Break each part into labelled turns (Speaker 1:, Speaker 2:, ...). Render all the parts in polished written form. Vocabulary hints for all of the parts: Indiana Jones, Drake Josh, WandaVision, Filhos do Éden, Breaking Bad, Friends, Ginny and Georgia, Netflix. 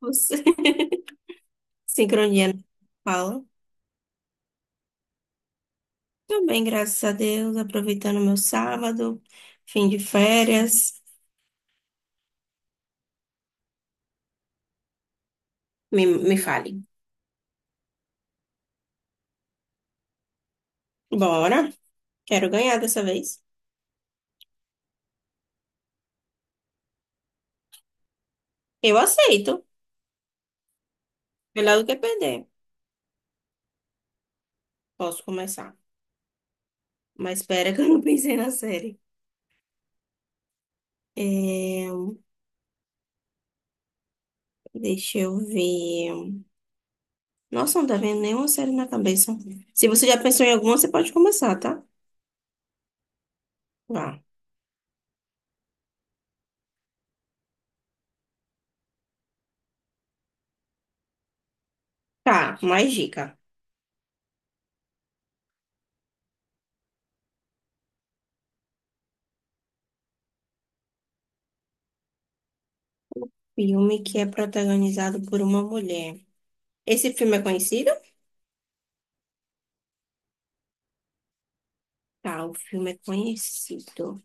Speaker 1: Você- Sincronia na fala. Também, graças a Deus, aproveitando meu sábado, fim de férias. Me fale. Bora. Quero ganhar dessa vez. Eu aceito. Melhor do que perder. Posso começar. Mas espera que eu não pensei na série. É, deixa eu ver. Nossa, não tá vendo nenhuma série na cabeça. Se você já pensou em alguma, você pode começar, tá? Vá. Tá, mais dica. Filme que é protagonizado por uma mulher. Esse filme é conhecido? Tá, o filme é conhecido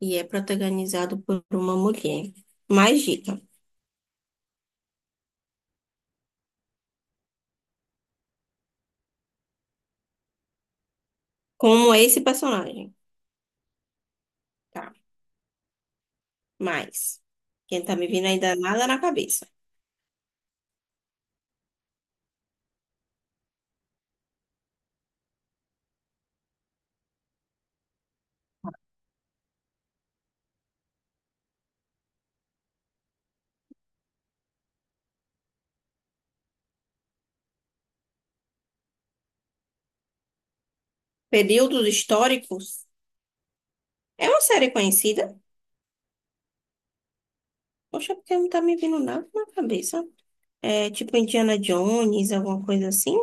Speaker 1: e é protagonizado por uma mulher. Mais dica. Como é esse personagem? Tá, mais. Quem tá me vindo ainda nada na cabeça. Períodos históricos? É uma série conhecida? Poxa, porque não tá me vindo nada na cabeça. É tipo Indiana Jones, alguma coisa assim?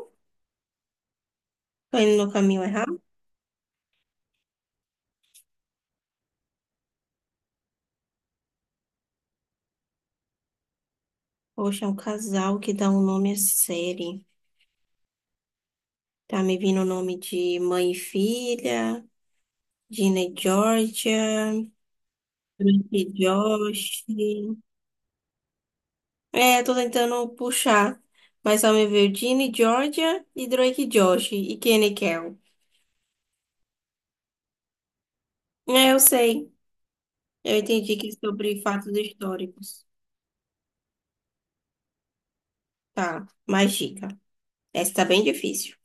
Speaker 1: Tô indo no caminho errado? Poxa, é um casal que dá um nome à série. Tá me vindo o nome de mãe e filha, Gina e Georgia. Drake Josh. É, tô tentando puxar. Mas só me veio Ginny, Georgia e Drake Josh e Kenny Kel. É, eu sei. Eu entendi que é sobre fatos históricos. Tá, mais dica. Essa tá bem difícil.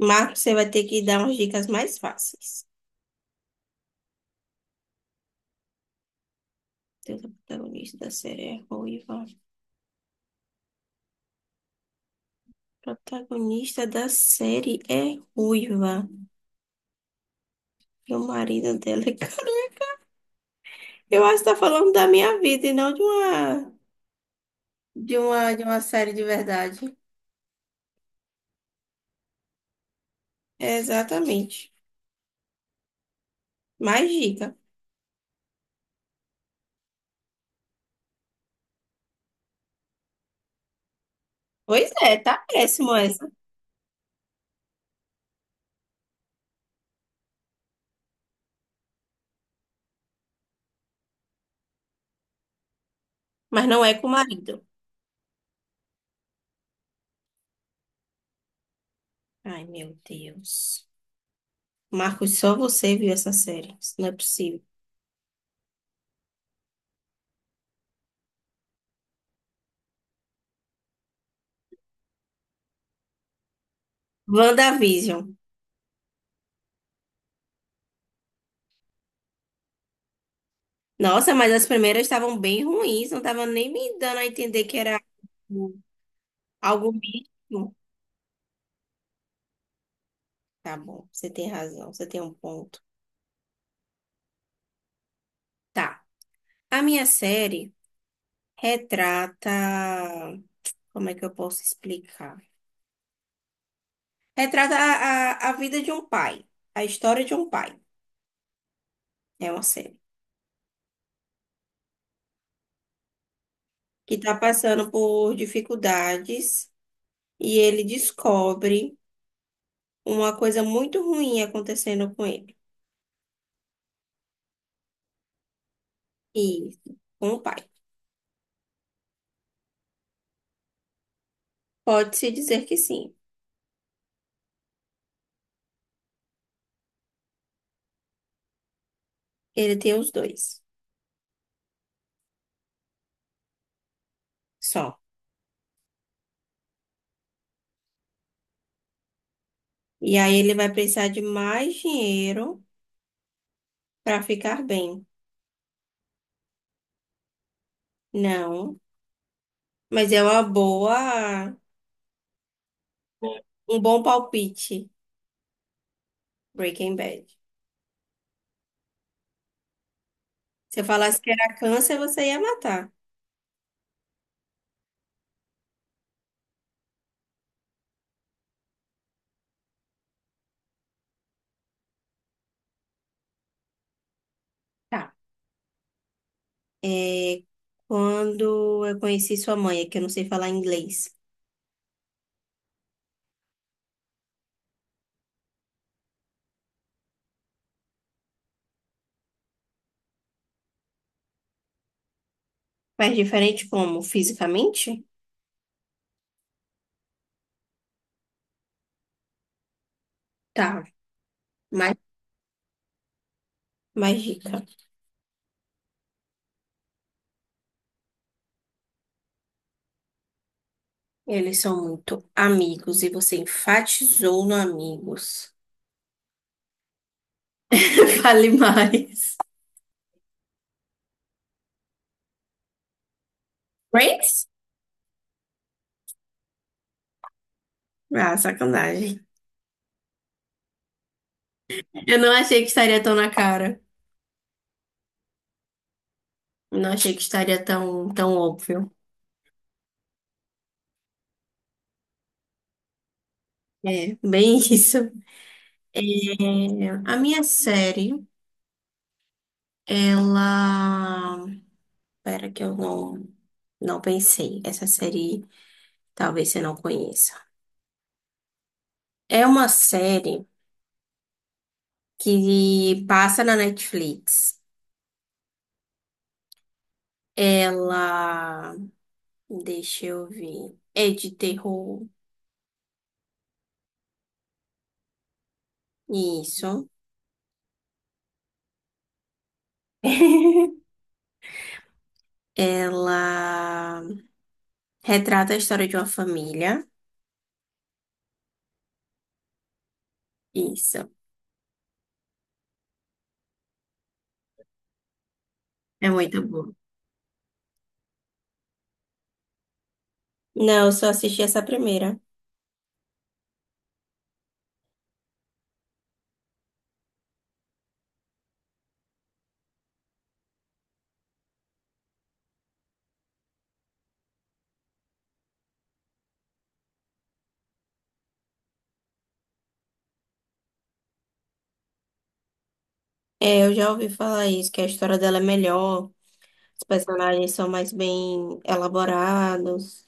Speaker 1: Marcos, você vai ter que dar umas dicas mais fáceis. Deus, a protagonista da série é ruiva. Protagonista da série é ruiva. E o marido dela é careca. Eu acho que tá falando da minha vida e não de uma. De uma série de verdade. Exatamente. Mais dica. Pois é, tá péssimo essa. Mas não é com o marido. Ai, meu Deus. Marcos, só você viu essa série. Isso não é possível. WandaVision. Nossa, mas as primeiras estavam bem ruins. Não tava nem me dando a entender que era algo algo místico. Tá bom, você tem razão. Você tem um ponto. Tá. A minha série retrata. Como é que eu posso explicar? Retrata a vida de um pai, a história de um pai. É uma série que está passando por dificuldades e ele descobre uma coisa muito ruim acontecendo com ele. E com o pai. Pode-se dizer que sim, ele tem os dois só. E aí ele vai precisar de mais dinheiro para ficar bem. Não, mas é uma boa, um bom palpite, Breaking Bad. Se eu falasse que era câncer, você ia matar. Tá. É, quando eu conheci sua mãe, é que eu não sei falar inglês. Mas diferente como? Fisicamente? Tá, mas, mas dica. Eles são muito amigos e você enfatizou no amigos. Fale mais. Friends? Ah, sacanagem. Eu não achei que estaria tão na cara. Não achei que estaria tão, tão óbvio. É, bem isso. É, a minha série, ela. Espera que eu não, não pensei. Essa série talvez você não conheça. É uma série que passa na Netflix. Ela. Deixa eu ver. É de terror. Isso. Ela retrata a história de uma família. Isso. É muito bom. Não, eu só assisti essa primeira. É, eu já ouvi falar isso, que a história dela é melhor, os personagens são mais bem elaborados.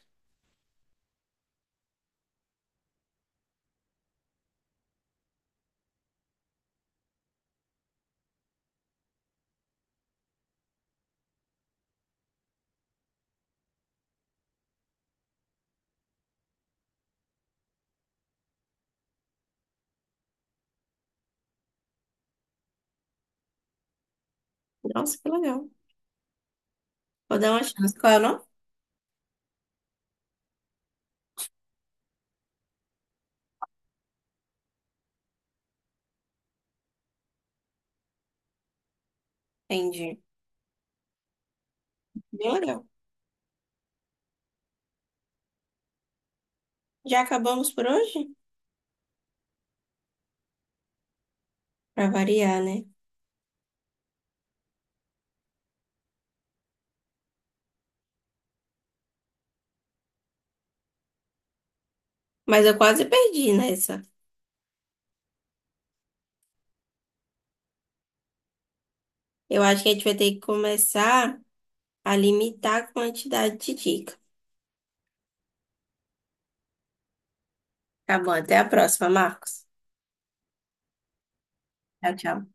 Speaker 1: Nossa, que legal. Vou dar uma chance. Qual é o nome? Entendi. Bem legal. Já acabamos por hoje? Pra variar, né? Mas eu quase perdi nessa. Eu acho que a gente vai ter que começar a limitar a quantidade de dica. Tá bom, até a próxima, Marcos. Tchau, tchau.